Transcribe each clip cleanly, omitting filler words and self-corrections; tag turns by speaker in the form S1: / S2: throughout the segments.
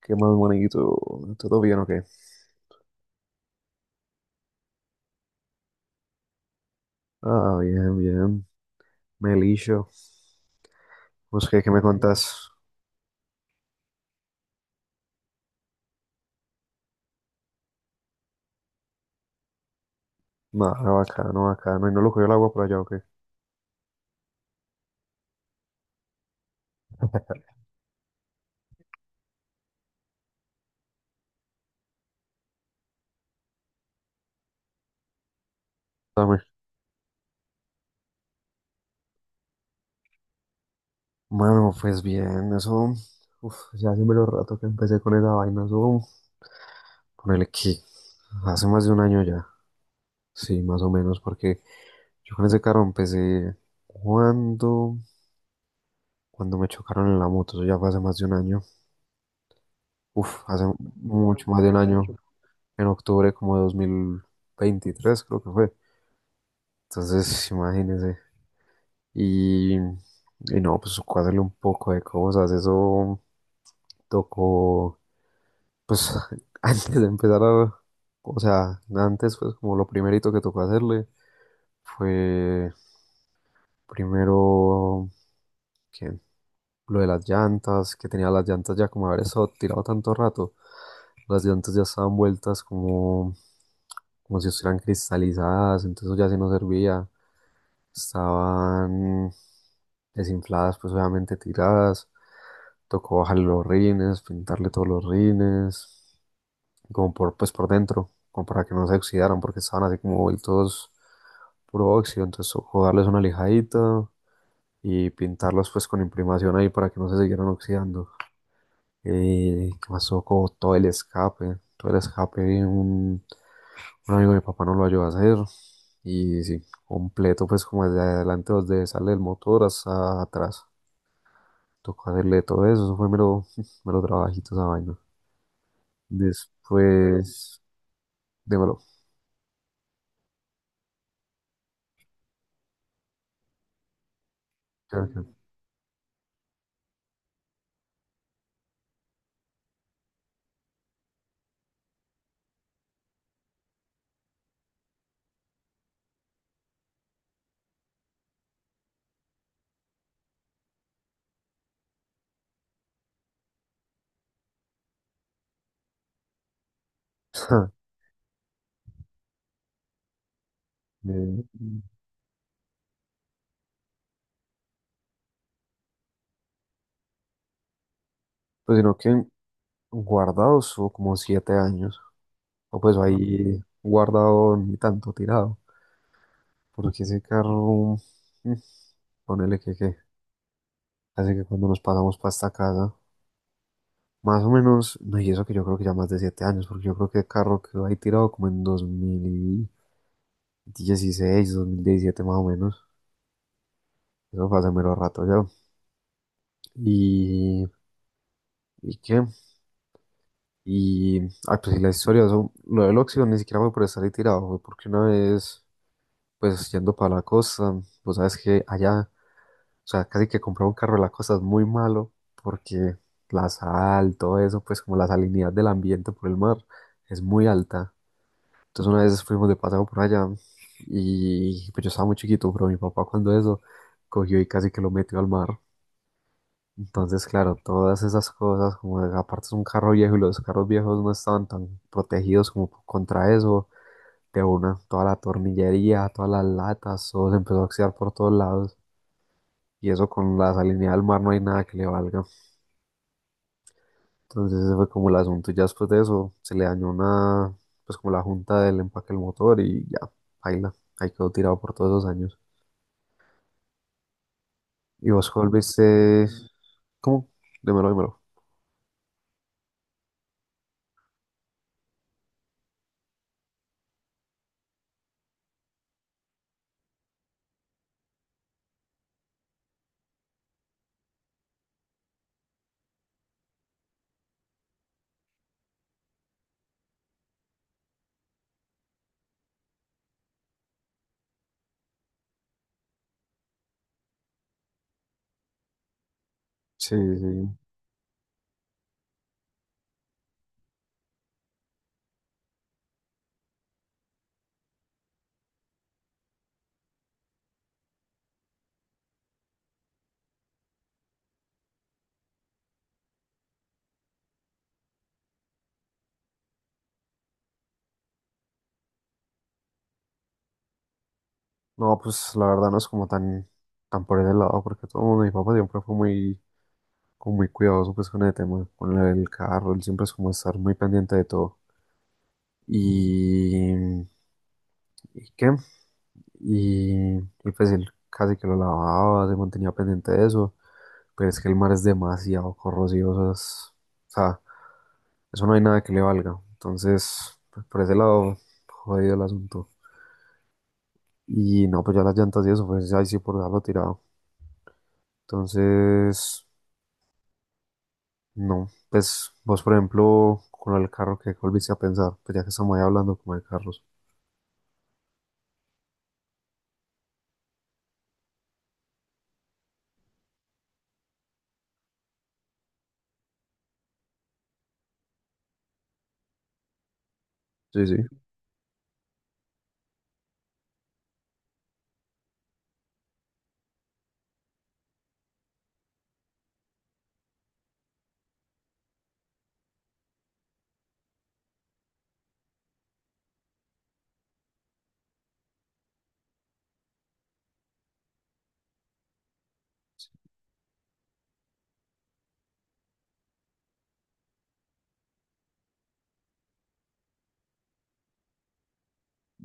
S1: ¿Qué más bonito? ¿Todo bien o qué? Ah, bien, bien. Melillo. Pues qué, ¿qué me contás? Nada, bacano, bacano. ¿Y no lo cogió el agua por allá o qué? Dame. Mano, pues bien, eso. Uf, ya hace mero rato que empecé con esa vaina. Eso, ponele que hace más de un año ya. Sí, más o menos, porque yo con ese carro empecé cuando, cuando me chocaron en la moto. Eso ya fue hace más de un año. Uf, hace mucho más de un año. En octubre como de 2023, creo que fue. Entonces, imagínese. Y no, pues cuádrele un poco de cosas. Eso tocó, pues antes de empezar a, o sea, antes pues como lo primerito que tocó hacerle fue primero que lo de las llantas, que tenía las llantas ya como haber estado tirado tanto rato. Las llantas ya estaban vueltas como, como si estuvieran cristalizadas, entonces eso ya sí no servía. Estaban desinfladas, pues obviamente tiradas. Tocó bajarle los rines, pintarle todos los rines, como por, pues por dentro, como para que no se oxidaran, porque estaban así como vueltos puro óxido. Entonces tocó darles una lijadita y pintarlos pues con imprimación ahí para que no se siguieran oxidando. ¿Qué pasó con todo el escape? Todo el escape, un amigo de mi papá no lo ayudó a hacer. Y sí, completo, pues como desde adelante, donde sale el motor hasta atrás. Tocó hacerle todo eso, eso fue mero, mero trabajito esa vaina. Después, démelo. Creo que- Eh, Pues sino que guardado estuvo como siete años. O pues ahí guardado ni tanto tirado. Porque ese carro, mm, ponele que, que. Así que cuando nos pasamos para esta casa, más o menos, no, y eso que yo creo que ya más de siete años, porque yo creo que el carro quedó ahí tirado como en 2016, 2017 más o menos. Eso fue hace mero rato ya. Y, ¿Y qué? Y, ah, pues sí, la historia, eso, lo del óxido ni siquiera fue por estar ahí tirado, fue porque una vez, pues yendo para la costa, pues sabes que allá. O sea, casi que comprar un carro de la costa es muy malo porque la sal, todo eso, pues como la salinidad del ambiente por el mar es muy alta. Entonces una vez fuimos de paseo por allá y pues yo estaba muy chiquito, pero mi papá cuando eso cogió y casi que lo metió al mar. Entonces, claro, todas esas cosas, como de- aparte es un carro viejo y los carros viejos no estaban tan protegidos como contra eso, de una, toda la tornillería, todas las latas, todo se empezó a oxidar por todos lados. Y eso con la salinidad del mar no hay nada que le valga. Entonces ese fue como el asunto. Y ya después de eso se le dañó una, pues como la junta del empaque del motor y ya, baila. Ahí quedó tirado por todos esos años. Y vos volviste, ¿cómo? Dímelo, dímelo. Sí, sí. No, pues la verdad no es como tan, tan por ese lado, porque todo el mundo, mi papá siempre fue muy, como muy cuidadoso pues con el tema, con el carro, él siempre es como estar muy pendiente de todo. Y, ¿Y qué? Y pues él casi que lo lavaba, se mantenía pendiente de eso. Pero es que el mar es demasiado corrosivo, o es- o sea, eso no hay nada que le valga. Entonces, pues, por ese lado, jodido el asunto. Y no, pues ya las llantas y eso, pues ahí sí por dejarlo tirado. Entonces, no, pues vos, por ejemplo, con el carro que volviste a pensar, pues ya que estamos ahí hablando como de carros. Sí, sí.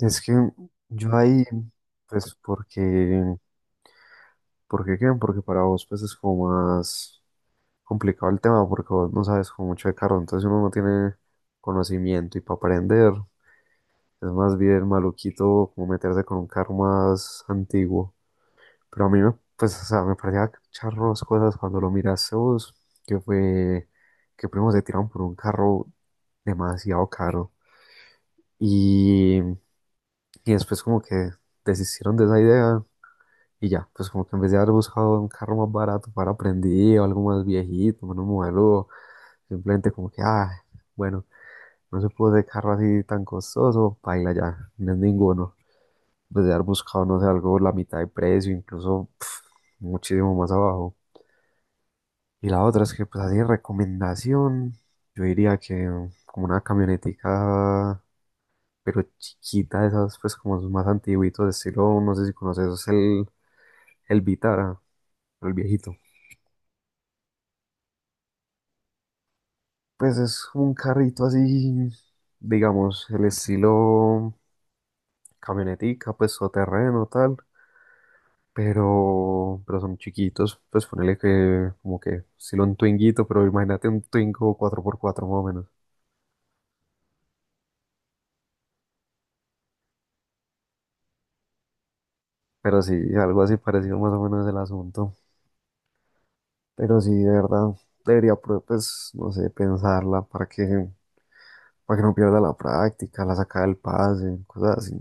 S1: Es que yo ahí, pues porque ¿por qué qué? Porque para vos pues es como más complicado el tema porque vos no sabes como mucho de carro, entonces uno no tiene conocimiento y para aprender es más bien maluquito como meterse con un carro más antiguo. Pero a mí me, pues, o sea, me parecía charros cosas cuando lo miraste vos, que fue que primero se tiraron por un carro demasiado caro y después como que desistieron de esa idea. Y ya, pues como que en vez de haber buscado un carro más barato para aprendido, algo más viejito, menos modelo, simplemente como que, ah, bueno, no se puede de carro así tan costoso, paila ya, no es ninguno. En vez de haber buscado, no sé, algo la mitad de precio, incluso pf, muchísimo más abajo. Y la otra es que, pues así, de recomendación, yo diría que como una camionetica, pero chiquita, de esas, pues como más antiguitos, estilo, no sé si conoces, es el Vitara, pero el viejito. Pues es un carrito así, digamos, el estilo camionetica, pues o terreno, tal, pero son chiquitos, pues ponele que como que estilo un Twinguito, pero imagínate un Twingo cuatro por cuatro más o menos, pero sí, algo así parecido más o menos el asunto, pero sí, de verdad, debería, pro- pues, no sé, pensarla para que no pierda la práctica, la sacada del pase, cosas así.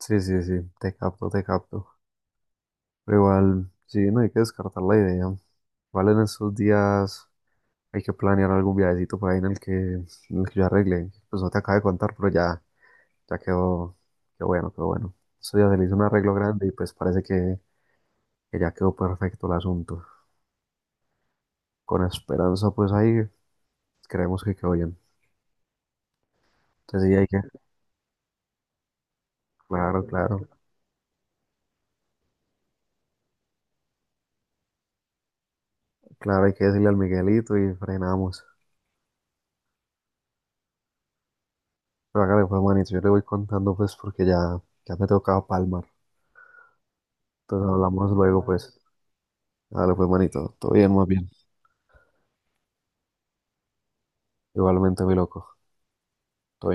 S1: Sí, sí, sí, te capto, te capto. Pero igual, sí, no hay que descartar la idea. Igual en estos días hay que planear algún viajecito por ahí en el que yo arregle. Pues no te acabo de contar, pero ya, ya quedó, qué bueno, qué bueno. Eso ya se le hizo un arreglo grande y pues parece que ya quedó perfecto el asunto. Con esperanza, pues ahí creemos que quedó bien. Entonces sí, hay que, claro, claro, claro, hay que decirle al Miguelito y frenamos. Pero hágale pues, manito, yo le voy contando pues porque ya, ya me tocaba palmar. Entonces hablamos luego, pues. Dale, pues, manito. Todo bien, más bien. Igualmente, mi loco. Todo